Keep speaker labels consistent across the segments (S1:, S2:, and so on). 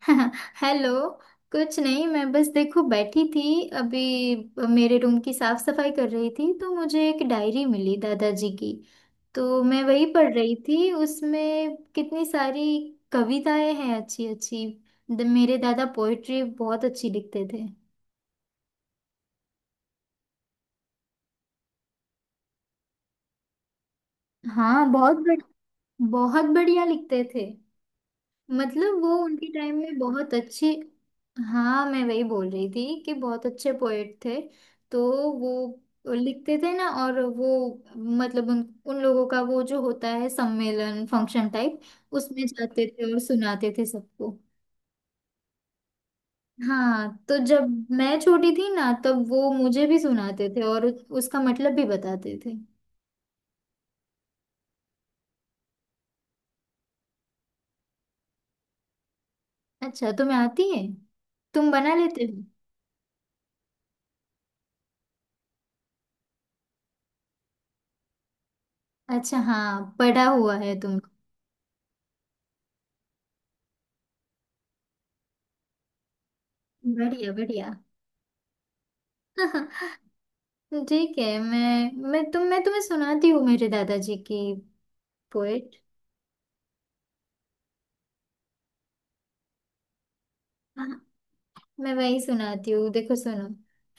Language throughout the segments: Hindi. S1: हेलो। कुछ नहीं, मैं बस देखो बैठी थी अभी। मेरे रूम की साफ सफाई कर रही थी तो मुझे एक डायरी मिली दादाजी की। तो मैं वही पढ़ रही थी, उसमें कितनी सारी कविताएं हैं, अच्छी अच्छी। मेरे दादा पोइट्री बहुत अच्छी लिखते थे। हाँ, बहुत बढ़िया लिखते थे। मतलब वो उनके टाइम में बहुत अच्छे। हाँ, मैं वही बोल रही थी कि बहुत अच्छे पोएट थे। तो वो लिखते थे ना, और वो मतलब उन उन लोगों का वो जो होता है सम्मेलन फंक्शन टाइप, उसमें जाते थे और सुनाते थे सबको। हाँ, तो जब मैं छोटी थी ना, तब वो मुझे भी सुनाते थे और उसका मतलब भी बताते थे। अच्छा, तुम्हें आती है? तुम बना लेते हो? अच्छा, हाँ, पढ़ा हुआ है तुम। बढ़िया बढ़िया। ठीक है, मैं तुम्हें सुनाती हूँ मेरे दादाजी की पोएट। हाँ, मैं वही सुनाती हूँ, देखो सुनो।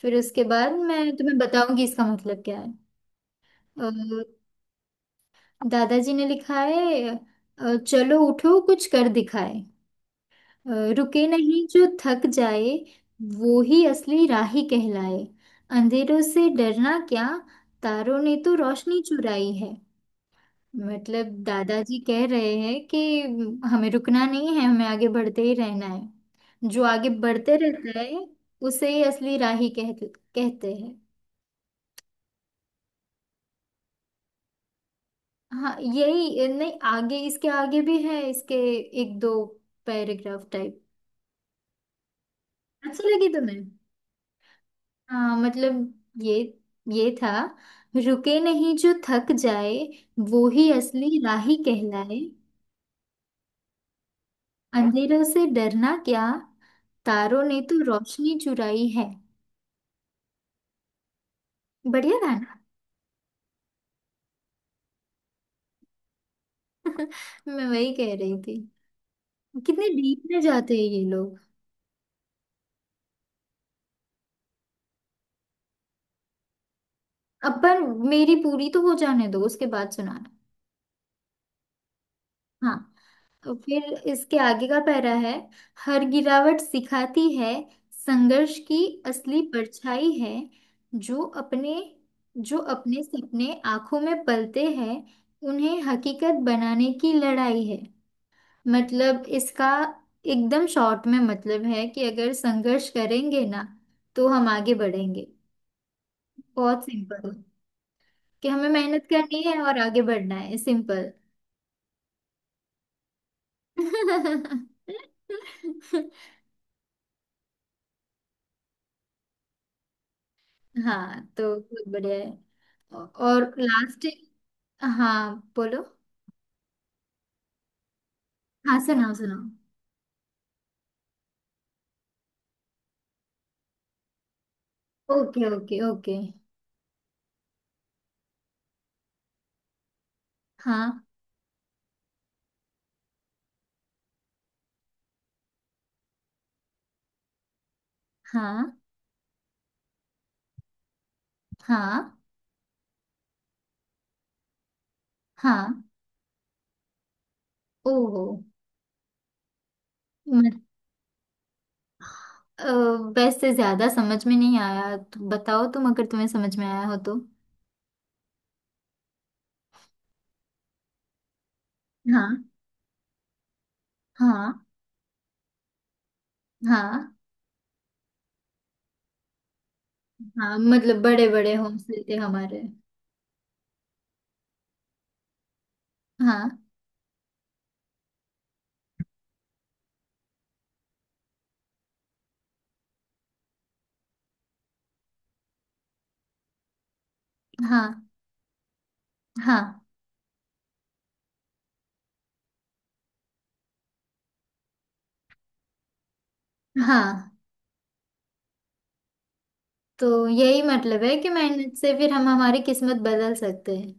S1: फिर उसके बाद मैं तुम्हें बताऊंगी इसका मतलब क्या है। अ, दादाजी ने लिखा है, चलो उठो कुछ कर दिखाए। अ, रुके नहीं जो थक जाए, वो ही असली राही कहलाए। अंधेरों से डरना क्या, तारों ने तो रोशनी चुराई है। मतलब दादाजी कह रहे हैं कि हमें रुकना नहीं है, हमें आगे बढ़ते ही रहना है। जो आगे बढ़ते रहता है उसे ही असली राही कहते हैं। हाँ, यही नहीं, आगे इसके आगे भी है इसके। एक दो पैराग्राफ टाइप। अच्छी लगी तुम्हें? हाँ मतलब, ये ये था। रुके नहीं जो थक जाए, वो ही असली राही कहलाए। अंधेरों से डरना क्या, तारों ने तो रोशनी चुराई है। बढ़िया था ना। मैं वही कह रही थी, कितने डीप में जाते हैं ये लोग। अब पर मेरी पूरी तो हो जाने दो, उसके बाद सुनाना। हाँ, तो फिर इसके आगे का पैरा है। हर गिरावट सिखाती है, संघर्ष की असली परछाई है। जो अपने जो अपने सपने आंखों में पलते हैं, उन्हें हकीकत बनाने की लड़ाई है। मतलब इसका एकदम शॉर्ट में मतलब है कि अगर संघर्ष करेंगे ना, तो हम आगे बढ़ेंगे। बहुत सिंपल है कि हमें मेहनत करनी है और आगे बढ़ना है, सिंपल। हाँ, तो बहुत बढ़िया है। और लास्ट। हाँ, बोलो। हाँ, सुनाओ सुनाओ। Okay okay okay. हाँ हाँ हाँ हाँ। ओहो। अ, वैसे ज्यादा समझ में नहीं आया, तो बताओ तुम, अगर तुम्हें समझ में आया हो तो। हाँ हाँ। हाँ हाँ। मतलब बड़े बड़े हौसले थे हमारे। हाँ। हाँ हाँ हाँ। तो यही मतलब है कि मेहनत से फिर हम हमारी किस्मत बदल सकते हैं।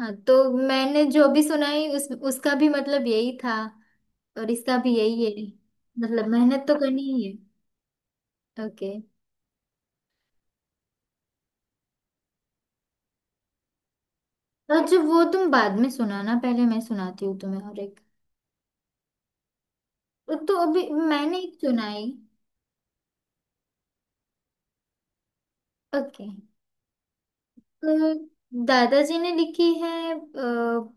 S1: हाँ, तो मैंने जो भी सुनाई उस उसका भी मतलब यही था। और इसका भी यही है। मतलब मेहनत तो करनी ही है। ओके। और जो वो तुम बाद में सुनाना, पहले मैं सुनाती हूँ तुम्हें और एक। तो अभी मैंने एक सुनाई। ओके। तो दादाजी ने लिखी है,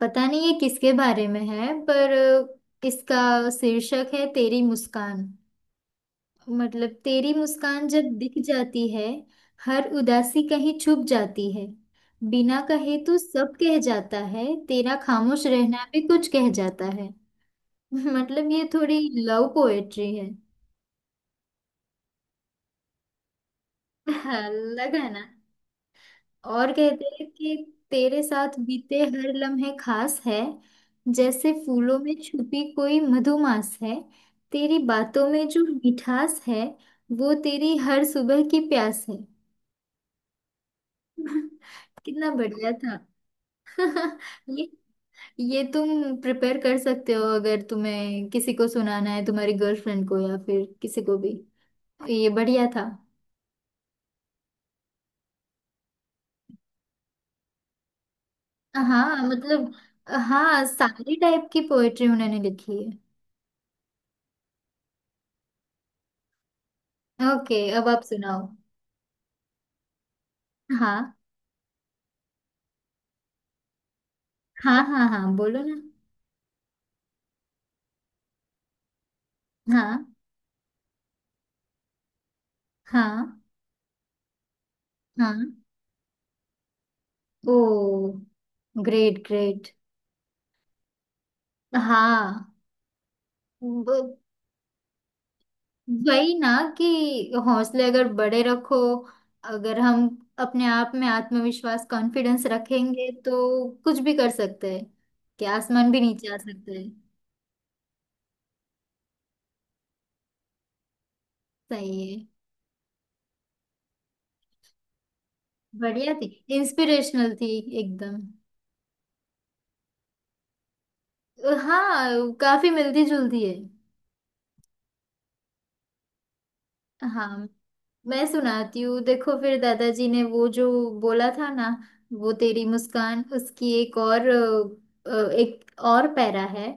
S1: पता नहीं ये किसके बारे में है, पर इसका शीर्षक है तेरी मुस्कान। मतलब तेरी मुस्कान जब दिख जाती है, हर उदासी कहीं छुप जाती है। बिना कहे तो सब कह जाता है, तेरा खामोश रहना भी कुछ कह जाता है। मतलब ये थोड़ी लव पोएट्री है। हाँ, लगा ना। और कहते हैं कि तेरे साथ बीते हर लम्हे खास है, जैसे फूलों में छुपी कोई मधुमास है। तेरी बातों में जो मिठास है, वो तेरी हर सुबह की प्यास है। कितना बढ़िया था। ये ये तुम प्रिपेयर कर सकते हो, अगर तुम्हें किसी को सुनाना है, तुम्हारी गर्लफ्रेंड को या फिर किसी को भी। ये बढ़िया था। हाँ मतलब, हाँ सारी टाइप की पोएट्री उन्होंने लिखी है। ओके, अब आप सुनाओ। हाँ हाँ हाँ। हाँ, बोलो ना। हाँ हाँ हाँ। ओ, ग्रेट ग्रेट। हाँ। ब- वही ना कि हौसले अगर बड़े रखो, अगर हम अपने आप में आत्मविश्वास कॉन्फिडेंस रखेंगे तो कुछ भी कर सकते हैं। कि आसमान भी नीचे आ सकते हैं। सही है। बढ़िया थी, इंस्पिरेशनल थी एकदम। हाँ, काफी मिलती जुलती है। हाँ, मैं सुनाती हूँ, देखो। फिर दादाजी ने वो जो बोला था ना, वो तेरी मुस्कान, उसकी एक और एक और पैरा है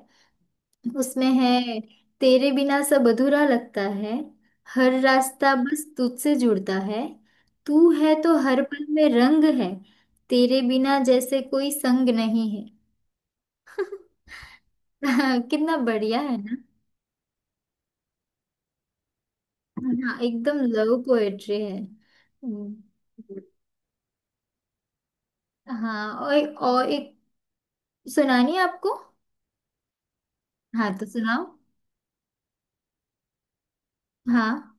S1: उसमें है। तेरे बिना सब अधूरा लगता है, हर रास्ता बस तुझसे जुड़ता है। तू है तो हर पल में रंग है, तेरे बिना जैसे कोई संग नहीं है। कितना बढ़िया है ना। हाँ, एकदम लव पोएट्री है। हाँ और, एक सुनानी है आपको। हाँ, तो सुनाओ। हाँ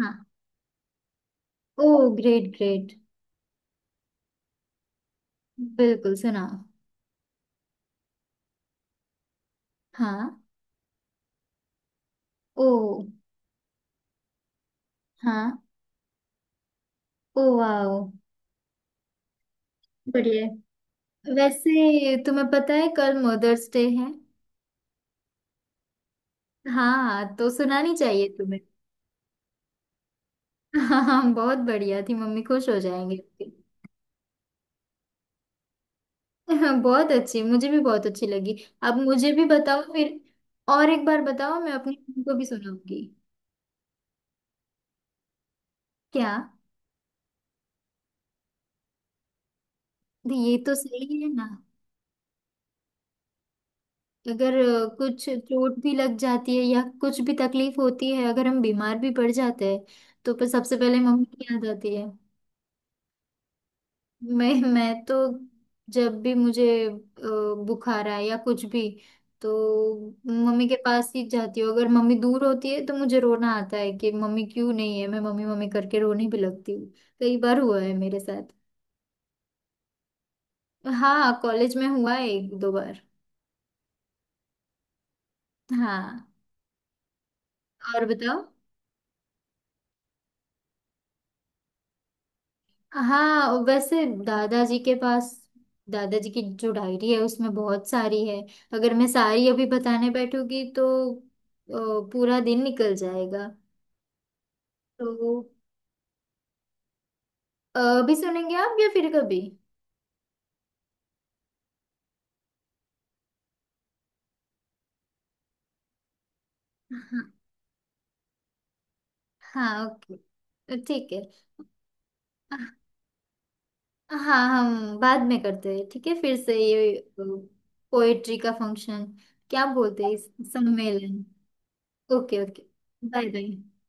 S1: हाँ। ओ, ग्रेट ग्रेट। बिल्कुल सुनाओ। हाँ। ओ। हाँ। Oh wow. बढ़िया है। वैसे तुम्हें पता है, कल मदर्स डे है। हाँ, तो सुनानी चाहिए तुम्हें। हाँ हाँ, बहुत बढ़िया थी, मम्मी खुश हो जाएंगे आपकी। हाँ, बहुत अच्छी, मुझे भी बहुत अच्छी लगी। अब मुझे भी बताओ फिर। और एक बार बताओ, मैं अपनी मम्मी को भी सुनाऊंगी। क्या? ये तो सही है ना। अगर कुछ चोट भी लग जाती है या कुछ भी तकलीफ होती है, अगर हम बीमार भी पड़ जाते हैं, तो पर सबसे पहले मम्मी की याद आती है। मैं तो जब भी मुझे बुखार आए या कुछ भी, तो मम्मी के पास ही जाती हूँ। अगर मम्मी दूर होती है तो मुझे रोना आता है कि मम्मी क्यों नहीं है, मैं मम्मी मम्मी करके रोने भी लगती हूँ। कई बार हुआ है मेरे साथ। हाँ, कॉलेज में हुआ है एक दो बार। हाँ, और बताओ। हाँ, वैसे दादाजी के पास, दादाजी की जो डायरी है उसमें बहुत सारी है। अगर मैं सारी अभी बताने बैठूंगी तो पूरा दिन निकल जाएगा। तो अभी सुनेंगे आप या फिर कभी। हाँ हाँ, ओके ठीक है। हाँ, हम बाद में करते हैं ठीक है, फिर से ये पोएट्री का फंक्शन क्या बोलते हैं इस, सम्मेलन। Okay okay. Bye bye.